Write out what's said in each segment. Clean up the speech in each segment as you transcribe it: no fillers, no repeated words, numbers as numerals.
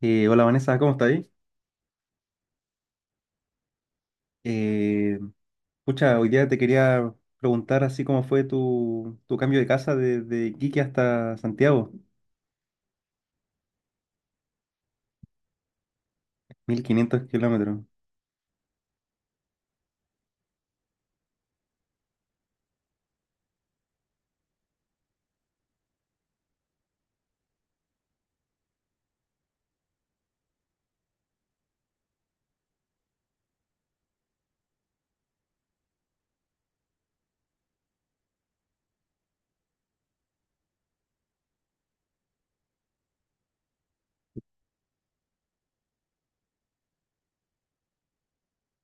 Hola, Vanessa, ¿cómo estás ahí? Eh, Pucha, hoy día te quería preguntar así cómo fue tu cambio de casa desde Iquique hasta Santiago, 1500 kilómetros.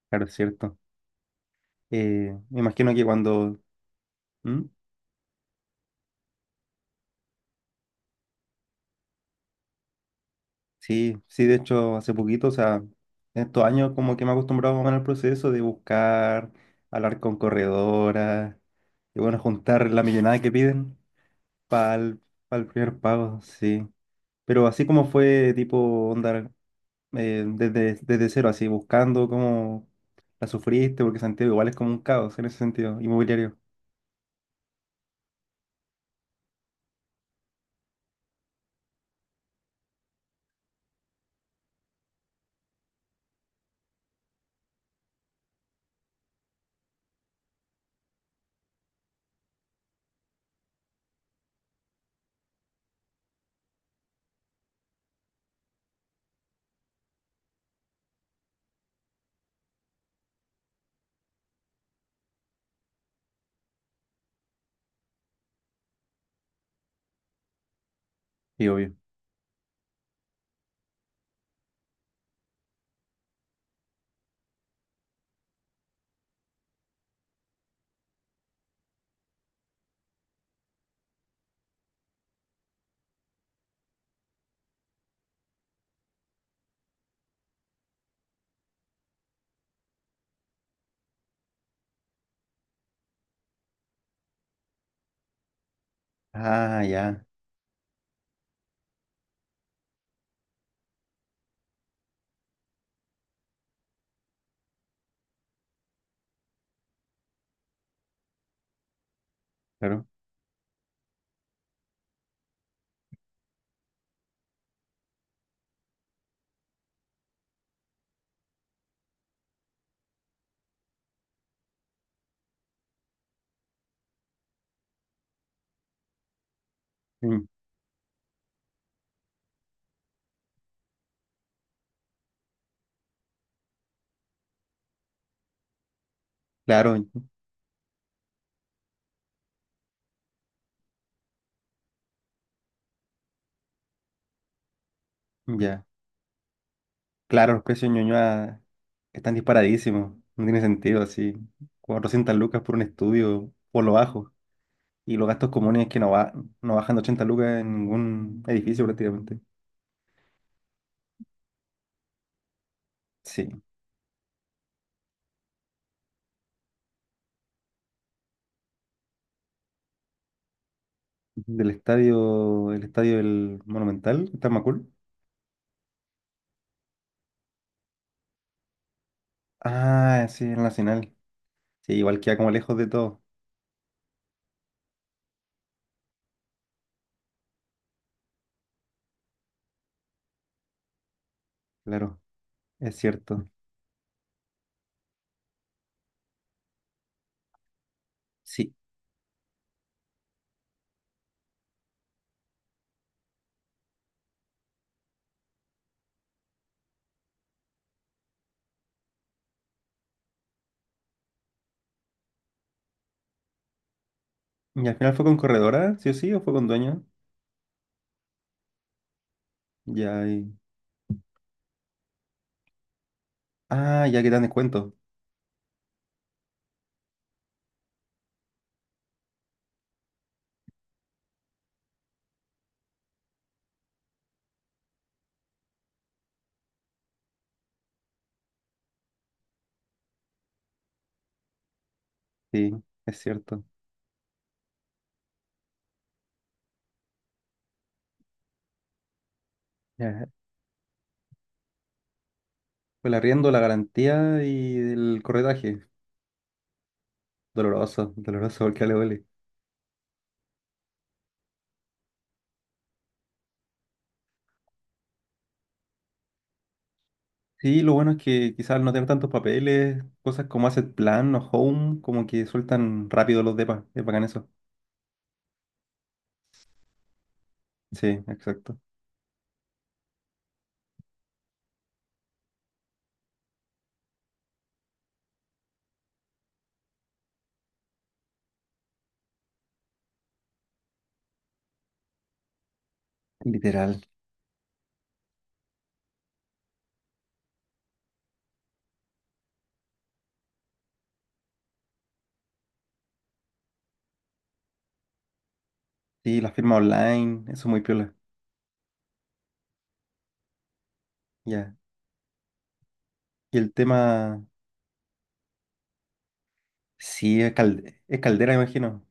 Claro, es cierto. Me imagino que cuando... ¿Mm? Sí, sí, de hecho hace poquito, o sea, en estos años como que me he acostumbrado más o menos al proceso de buscar, hablar con corredoras, y bueno, juntar la millonada que piden para primer pago, sí. Pero así como fue tipo onda desde cero, así, buscando cómo la sufriste, porque Santiago igual es como un caos en ese sentido, inmobiliario. Y obvio. Ah, ya, claro. Mm, claro, ya. Claro, los precios de Ñuñoa están disparadísimos. No tiene sentido, así. 400 lucas por un estudio, por lo bajo. Y los gastos comunes que no, va, no bajan de 80 lucas en ningún edificio prácticamente. Sí. Del estadio, el estadio del Monumental, está en Macul. Ah, sí, el Nacional. Sí, igual queda como lejos de todo, claro, es cierto. Sí. ¿Y al final fue con corredora, sí o sí, o fue con dueño? Ya, y... Ah, ya que dan descuento. Sí, es cierto. Ya. Fue el arriendo, la garantía y el corredaje. Doloroso, doloroso porque le duele. Sí, lo bueno es que quizás al no tener tantos papeles, cosas como Asset Plan o Home, como que sueltan rápido los depas. Es bacán eso. Sí, exacto. Literal. Sí, la firma online, eso es muy piola. Ya. Y el tema. Sí, es, es caldera, imagino.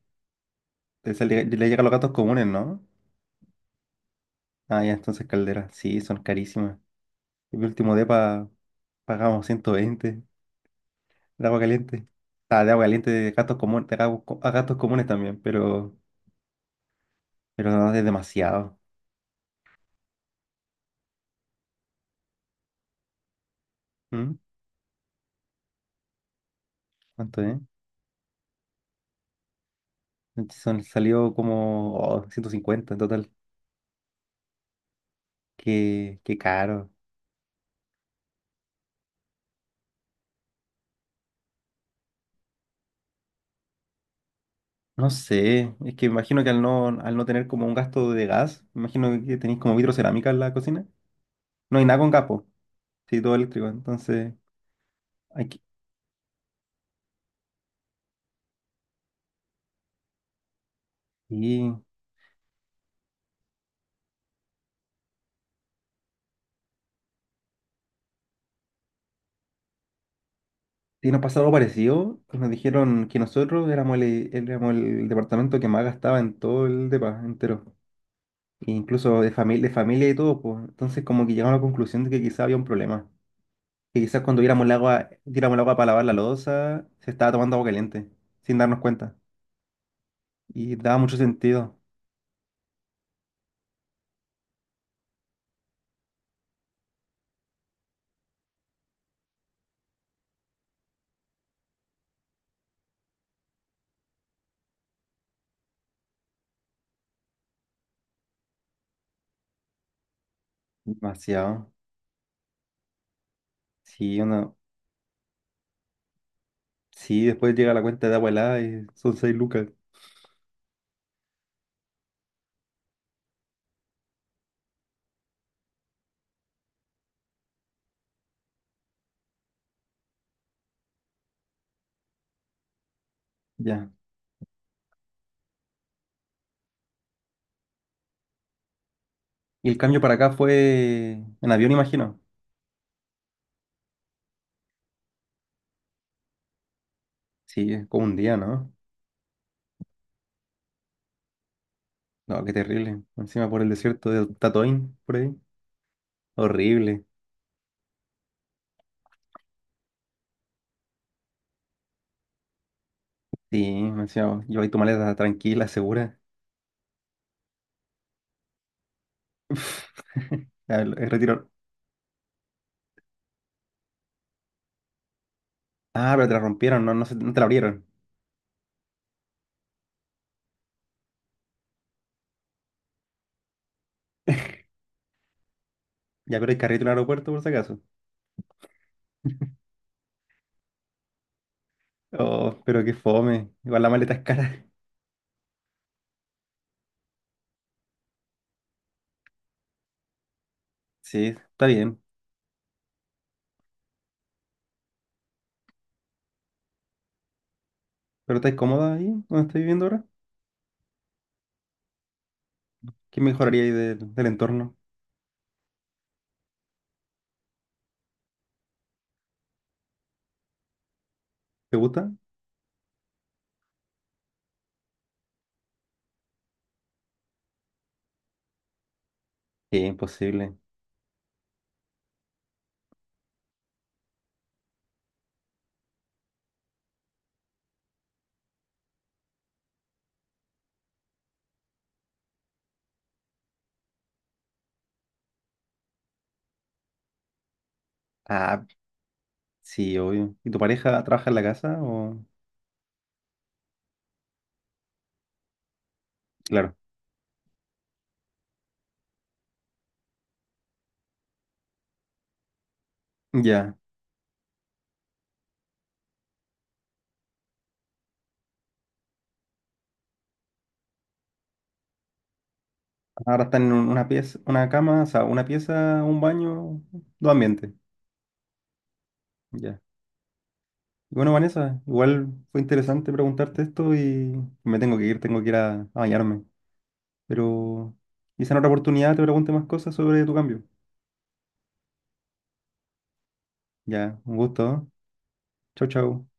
Le llega a los gatos comunes, ¿no? Ah, ya, entonces caldera. Sí, son carísimas. En mi último depa pagamos 120 de agua caliente. Ah, de agua caliente de gatos comunes, de a gatos comunes también, pero no es demasiado. ¿Mm? ¿Cuánto es? Son, salió como oh, 150 en total. Qué, qué caro. No sé, es que imagino que al no tener como un gasto de gas, imagino que tenéis como vitrocerámica en la cocina. No hay nada con gas, sí, todo eléctrico. Entonces, aquí. Y, y nos pasó algo parecido, que nos dijeron que nosotros éramos el departamento que más gastaba en todo el depa entero. E incluso de familia y todo, pues. Entonces, como que llegamos a la conclusión de que quizá había un problema. Que quizás cuando diéramos el agua, tiramos el agua para lavar la loza, se estaba tomando agua caliente, sin darnos cuenta. Y daba mucho sentido. Demasiado. Sí, uno, sí, después llega la cuenta de agua helada y son 6 lucas. Ya. Y el cambio para acá fue en avión, imagino. Sí, es como un día, ¿no? No, qué terrible. Encima por el desierto de Tatoín, por ahí. Horrible. Sí, encima lleváis tu maleta tranquila, segura. A ver, el retiro. Ah, pero te la rompieron, no te la abrieron. Ya, pero hay carrito en el aeropuerto, por si acaso. Oh, pero qué fome. Igual la maleta es cara. Sí, está bien. ¿Pero estás cómoda ahí donde estás viviendo ahora? ¿Qué mejoraría ahí del entorno? ¿Te gusta? Sí, imposible. Ah, sí, obvio. ¿Y tu pareja trabaja en la casa o...? Claro. Ya. Ahora están en una pieza, una cama, o sea, una pieza, un baño, dos ambientes. Ya. Y bueno, Vanessa, igual fue interesante preguntarte esto y me tengo que ir a bañarme. Pero quizá en otra oportunidad te pregunte más cosas sobre tu cambio. Ya, un gusto, ¿eh? Chau, chau.